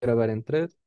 Grabar en tres.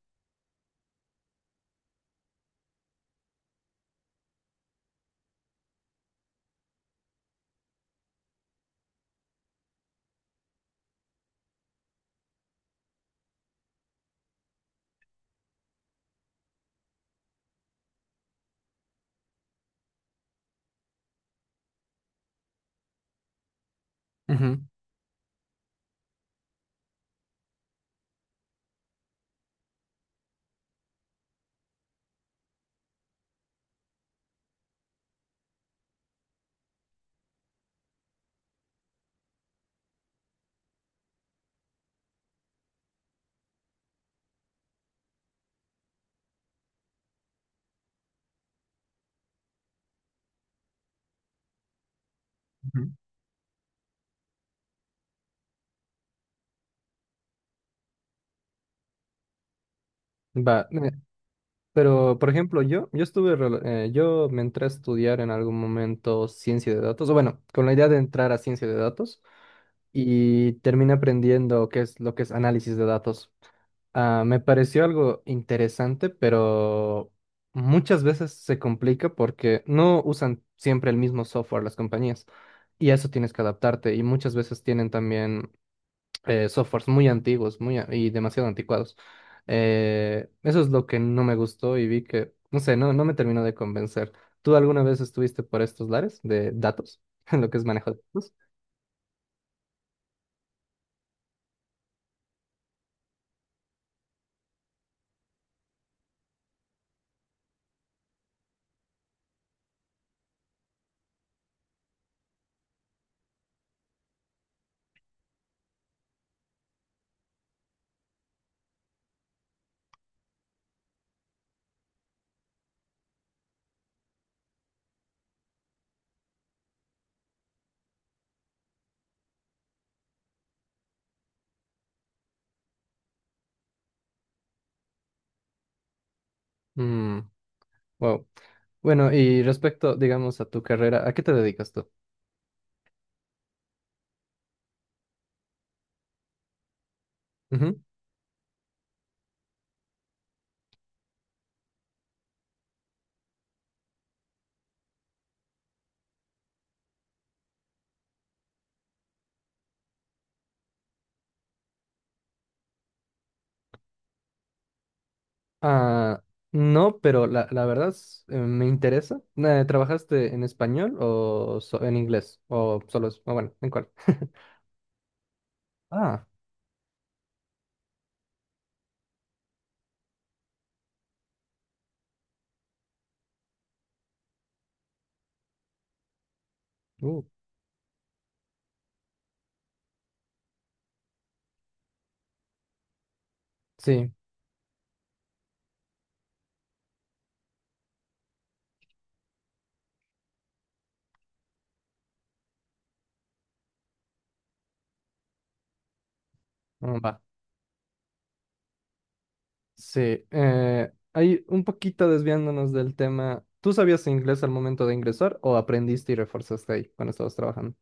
Ujú. Va, pero por ejemplo, yo estuve, yo me entré a estudiar en algún momento ciencia de datos, o bueno, con la idea de entrar a ciencia de datos y terminé aprendiendo qué es lo que es análisis de datos. Ah, me pareció algo interesante, pero muchas veces se complica porque no usan siempre el mismo software las compañías y a eso tienes que adaptarte y muchas veces tienen también softwares muy antiguos y demasiado anticuados. Eso es lo que no me gustó y vi que, no sé, no me terminó de convencer. ¿Tú alguna vez estuviste por estos lares de datos, lo que es manejo de datos? Mm, wow. Bueno, y respecto, digamos, a tu carrera, ¿a qué te dedicas tú? Ujú. Ah, no, pero la verdad es, me interesa. ¿Trabajaste en español en inglés? O solo, o bueno, ¿en cuál? Ah, uh, sí, mm, va. Sí, ahí un poquito desviándonos del tema. ¿Tú sabías inglés al momento de ingresar o aprendiste y reforzaste ahí cuando estabas trabajando?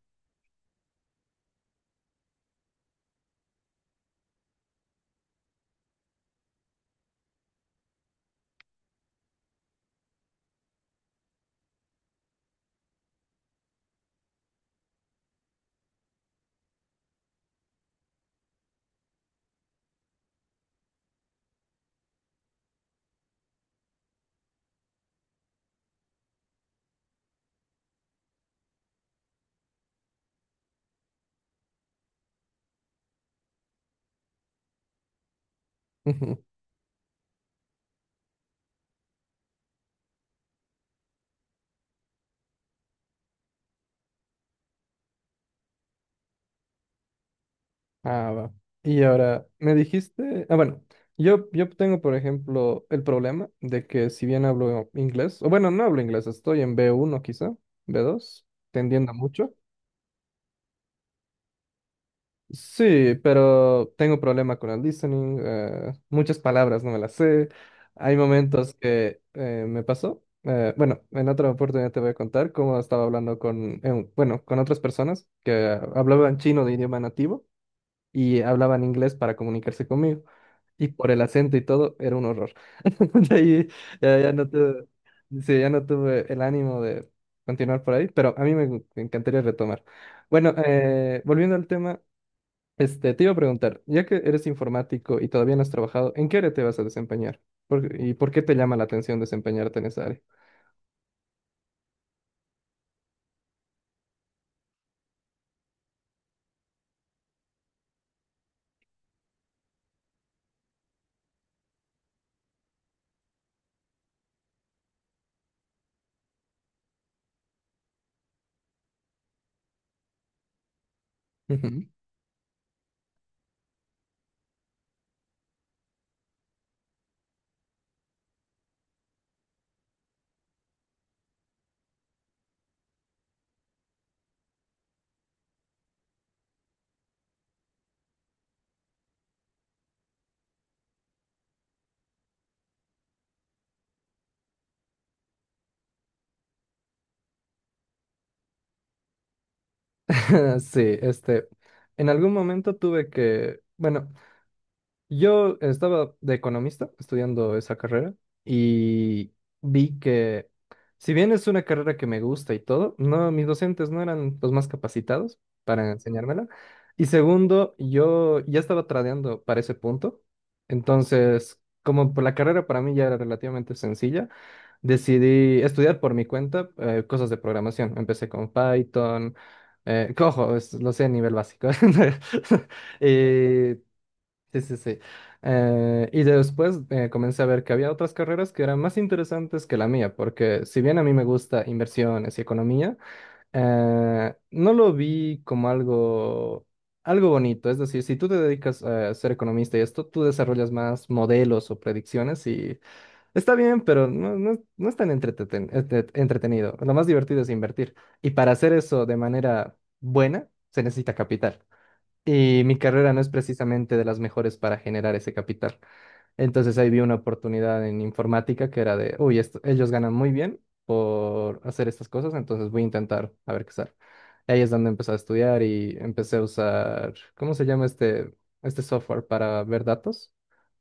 Ujú. Ah, va. Y ahora, me dijiste, ah, bueno, yo tengo, por ejemplo, el problema de que si bien hablo inglés, o bueno, no hablo inglés, estoy en B1 quizá, B2, tendiendo mucho. Sí, pero tengo problema con el listening. Muchas palabras no me las sé. Hay momentos que me pasó. Bueno, en otra oportunidad te voy a contar cómo estaba hablando con, bueno, con otras personas que hablaban chino de idioma nativo y hablaban inglés para comunicarse conmigo. Y por el acento y todo, era un horror. De ahí ya no tuve, sí, ya no tuve el ánimo de continuar por ahí, pero a mí me encantaría retomar. Bueno, volviendo al tema. Este, te iba a preguntar, ya que eres informático y todavía no has trabajado, ¿en qué área te vas a desempeñar? ¿Y por qué te llama la atención desempeñarte en esa área? Ujú. Sí, este, en algún momento tuve que, bueno, yo estaba de economista estudiando esa carrera y vi que si bien es una carrera que me gusta y todo, no, mis docentes no eran los más capacitados para enseñármela. Y segundo, yo ya estaba tradeando para ese punto. Entonces, como por la carrera para mí ya era relativamente sencilla, decidí estudiar por mi cuenta cosas de programación. Empecé con Python, cojo, lo sé a nivel básico. Eh, Sí, sí, sí. Y después comencé a ver que había otras carreras que eran más interesantes que la mía, porque si bien a mí me gusta inversiones y economía, no lo vi como algo bonito. Es decir, si tú te dedicas a ser economista y esto, tú desarrollas más modelos o predicciones y está bien, pero no es tan entretenido. Lo más divertido es invertir. Y para hacer eso de manera buena, se necesita capital. Y mi carrera no es precisamente de las mejores para generar ese capital. Entonces ahí vi una oportunidad en informática que era de, uy, ellos ganan muy bien por hacer estas cosas, entonces voy a intentar a ver qué sale. Ahí es donde empecé a estudiar y empecé a usar, ¿cómo se llama este software para ver datos?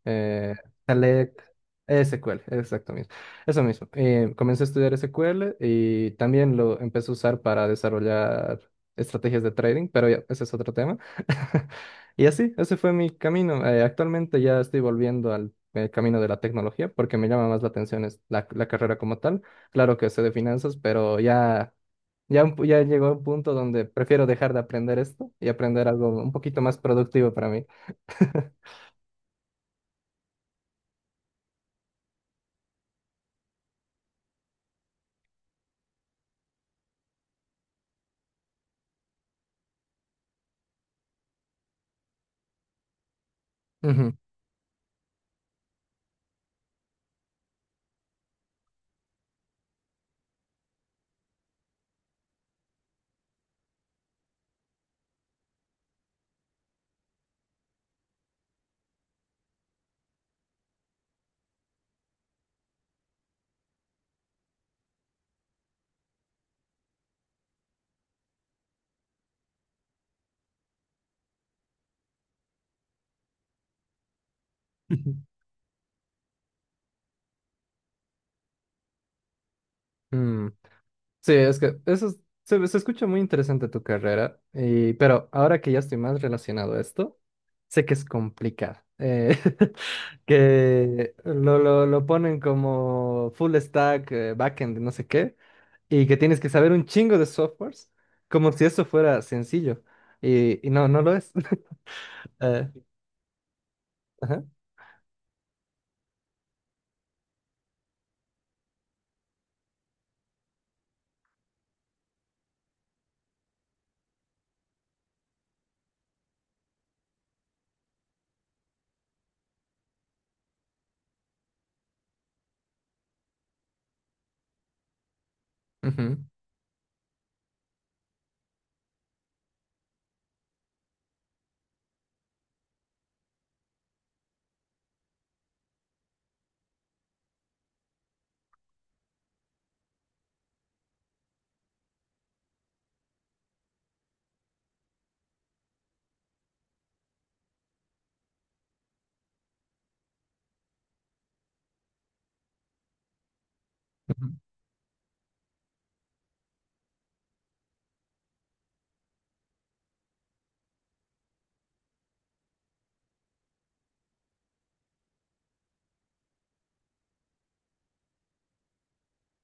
eh, Select, SQL, exacto mismo. Eso mismo. Comencé a estudiar SQL y también lo empecé a usar para desarrollar estrategias de trading, pero ya, ese es otro tema. Y así, ese fue mi camino. Actualmente ya estoy volviendo al camino de la tecnología porque me llama más la atención es la carrera como tal. Claro que sé de finanzas, pero ya llegó a un punto donde prefiero dejar de aprender esto y aprender algo un poquito más productivo para mí. Ujú. Mm. Sí, es que se escucha muy interesante tu carrera, pero ahora que ya estoy más relacionado a esto, sé que es complicado. Que lo ponen como full stack, backend, no sé qué, y que tienes que saber un chingo de softwares, como si eso fuera sencillo. Y no lo es. Eh, ajá, ujú, ujú.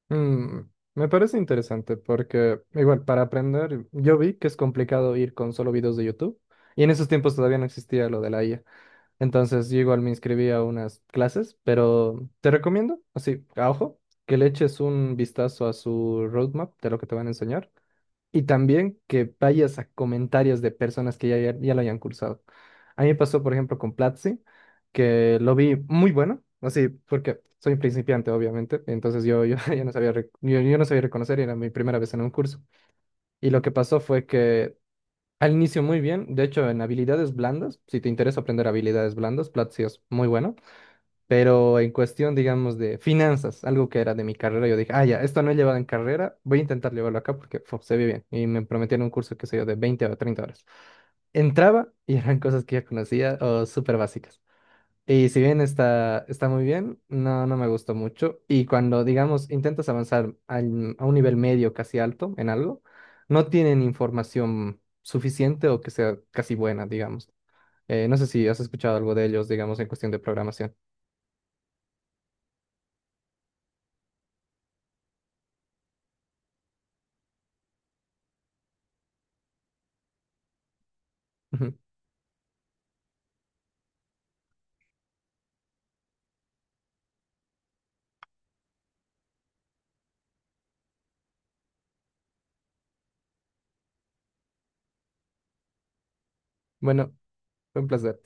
Mm, Me parece interesante porque igual para aprender yo vi que es complicado ir con solo videos de YouTube y en esos tiempos todavía no existía lo de la IA. Entonces yo igual me inscribí a unas clases, pero te recomiendo, así, a ojo, que le eches un vistazo a su roadmap de lo que te van a enseñar y también que vayas a comentarios de personas que ya lo hayan cursado. A mí me pasó, por ejemplo, con Platzi, que lo vi muy bueno, así, porque soy principiante, obviamente, entonces ya no sabía, yo no sabía reconocer y era mi primera vez en un curso. Y lo que pasó fue que al inicio muy bien, de hecho, en habilidades blandas, si te interesa aprender habilidades blandas, Platzi es muy bueno. Pero en cuestión, digamos, de finanzas, algo que era de mi carrera, yo dije, ah, ya, esto no he llevado en carrera, voy a intentar llevarlo acá porque fu, se ve bien. Y me prometieron un curso, qué sé yo, de 20 o 30 horas. Entraba y eran cosas que ya conocía o súper básicas. Y si bien está muy bien, no me gustó mucho. Y cuando, digamos, intentas avanzar a un nivel medio, casi alto, en algo, no tienen información suficiente o que sea casi buena, digamos. No sé si has escuchado algo de ellos, digamos, en cuestión de programación. Ujú. Bueno, fue un placer.